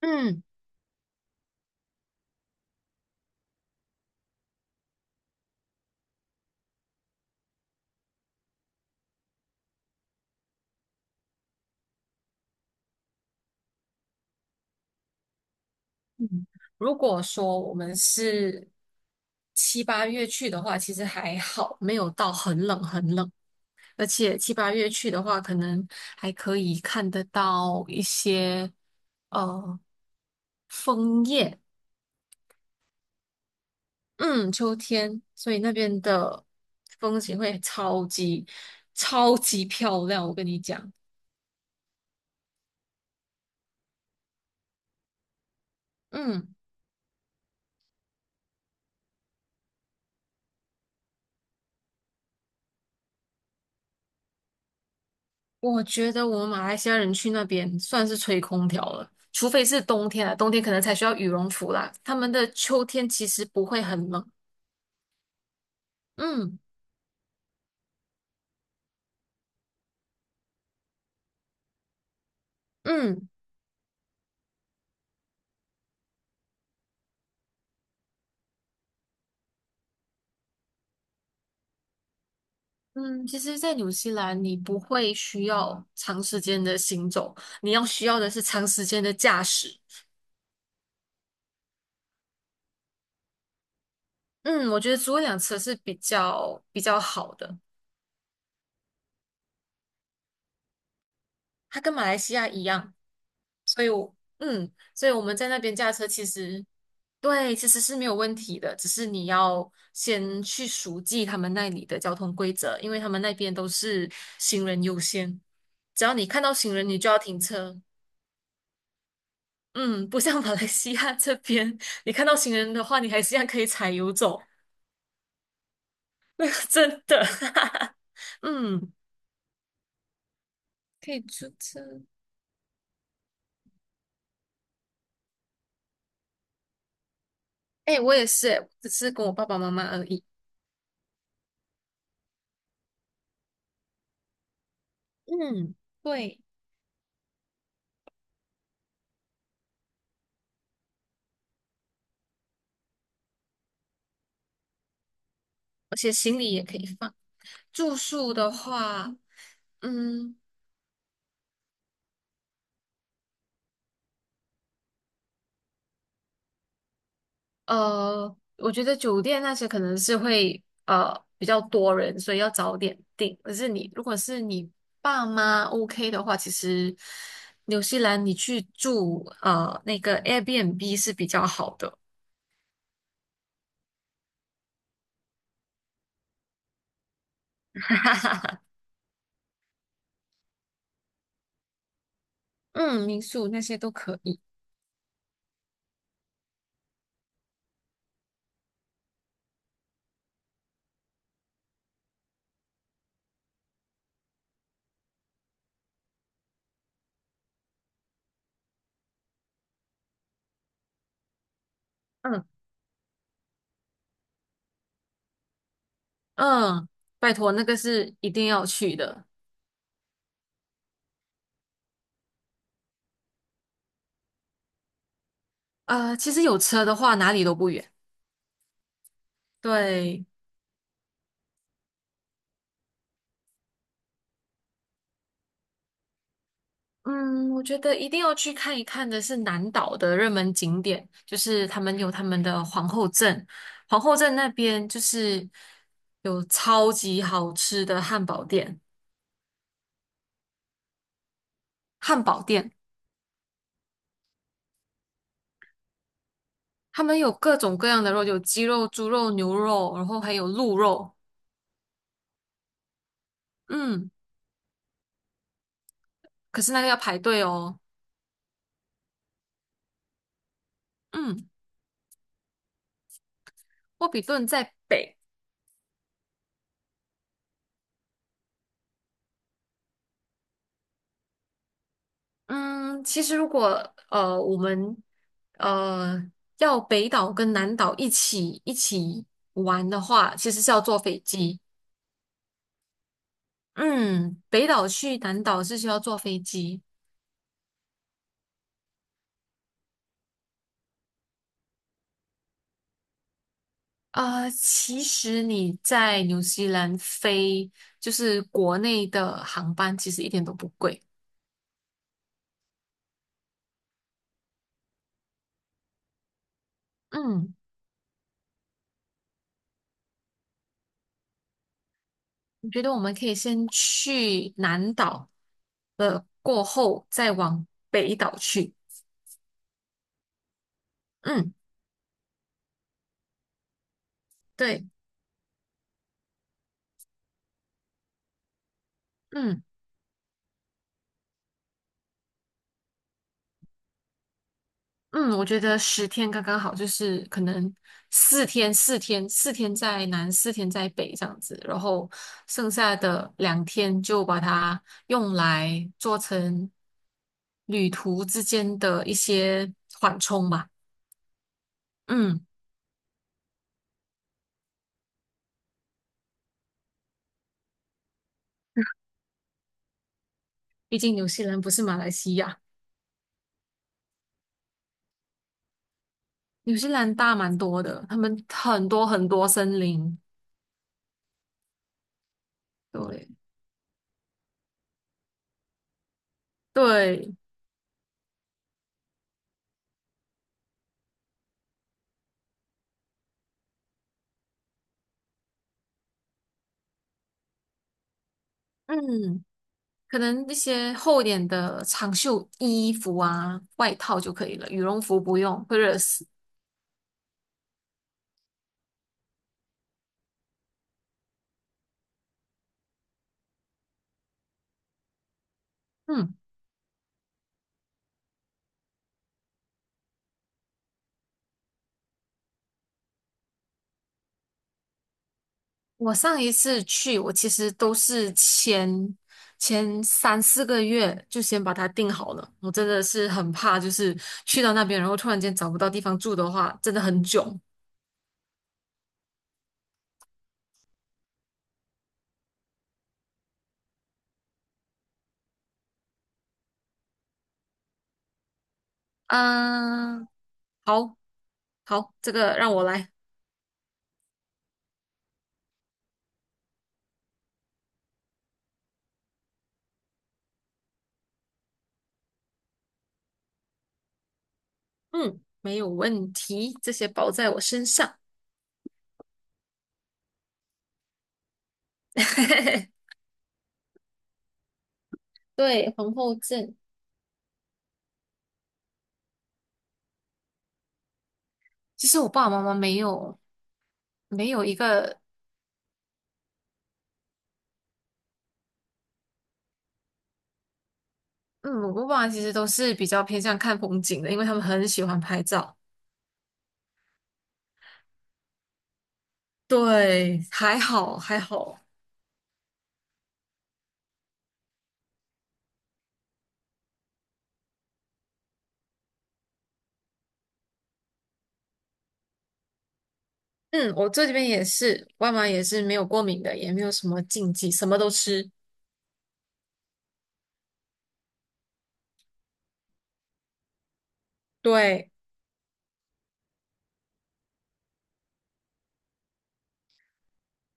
嗯嗯，如果说我们是七八月去的话，其实还好，没有到很冷很冷。而且七八月去的话，可能还可以看得到一些呃枫叶，嗯，秋天，所以那边的风景会超级超级漂亮，我跟你讲，嗯。我觉得我们马来西亚人去那边算是吹空调了，除非是冬天啊，冬天可能才需要羽绒服啦。他们的秋天其实不会很冷。嗯嗯嗯，其实，在纽西兰你不会需要长时间的行走，你要需要的是长时间的驾驶。嗯，我觉得租一辆车是比较好的，它跟马来西亚一样。所以我，所以我们在那边驾车其实，对，其实是没有问题的，只是你要先去熟记他们那里的交通规则，因为他们那边都是行人优先，只要你看到行人，你就要停车。嗯，不像 马来西亚这边，你看到行人的话，你还是一样可以踩油走，真的，嗯，可以租车。哎，我也是诶，只是跟我爸爸妈妈而已。嗯，对，而且行李也可以放。住宿的话，嗯，我觉得酒店那些可能是会比较多人，所以要早点订。可是你如果是你爸妈 OK 的话，其实纽西兰你去住那个 Airbnb 是比较好的，嗯，民宿那些都可以。嗯嗯，拜托，那个是一定要去的。其实有车的话哪里都不远。对。嗯，我觉得一定要去看一看的是南岛的热门景点，就是他们有他们的皇后镇，皇后镇那边就是有超级好吃的汉堡店，汉堡店他们有各种各样的肉，有鸡肉、猪肉、牛肉，然后还有鹿肉，嗯，可是那个要排队哦，嗯，沃比顿在北。嗯，其实如果我们呃要北岛跟南岛一起玩的话，其实是要坐飞机。嗯，北岛去南岛是需要坐飞机。其实你在纽西兰飞就是国内的航班，其实一点都不贵。嗯，我觉得我们可以先去南岛了，过后再往北岛去？嗯，对，嗯。嗯，我觉得10天刚刚好，就是可能四天、四天、四天在南，四天在北这样子，然后剩下的2天就把它用来做成旅途之间的一些缓冲吧。嗯，毕竟纽西兰不是马来西亚，纽西兰大蛮多的，他们很多很多森林。对对，嗯。可能那些厚一点的长袖衣服啊、外套就可以了，羽绒服不用，会热死。嗯，我上一次去，我其实都是前3、4个月就先把它定好了。我真的是很怕，就是去到那边，然后突然间找不到地方住的话，真的很囧。嗯，好好，这个让我来。嗯，没有问题，这些包在我身上。对，皇后镇。其实我爸爸妈妈没有，没有一个，嗯，我爸妈其实都是比较偏向看风景的，因为他们很喜欢拍照。对，还好还好。嗯，我这边也是，外妈也是没有过敏的，也没有什么禁忌，什么都吃。对，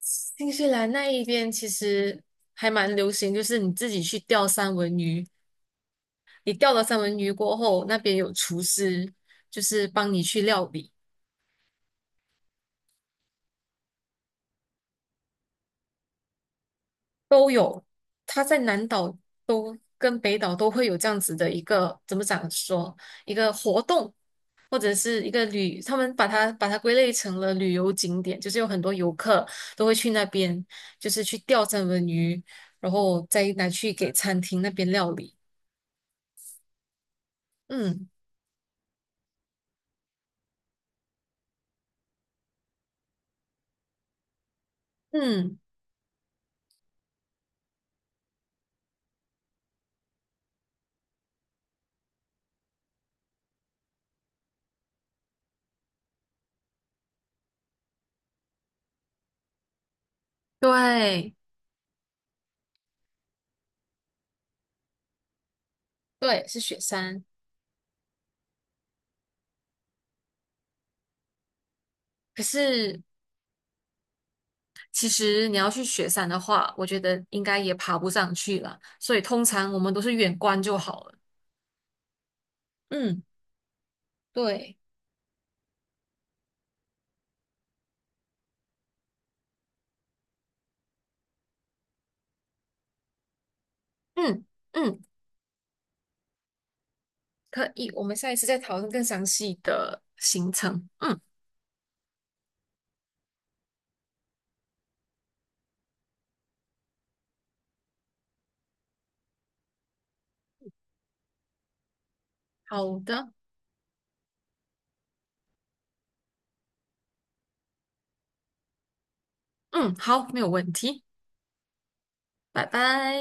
新西兰那一边其实还蛮流行，就是你自己去钓三文鱼，你钓了三文鱼过后，那边有厨师，就是帮你去料理。都有，它在南岛都跟北岛都会有这样子的一个怎么讲说一个活动，或者是一个旅，他们把它归类成了旅游景点，就是有很多游客都会去那边，就是去钓三文鱼，然后再拿去给餐厅那边料理。嗯嗯，对，对，是雪山。可是其实你要去雪山的话，我觉得应该也爬不上去了，所以通常我们都是远观就好了。嗯。对，嗯嗯，可以，我们下一次再讨论更详细的行程。嗯，好的，嗯，好，没有问题，拜拜。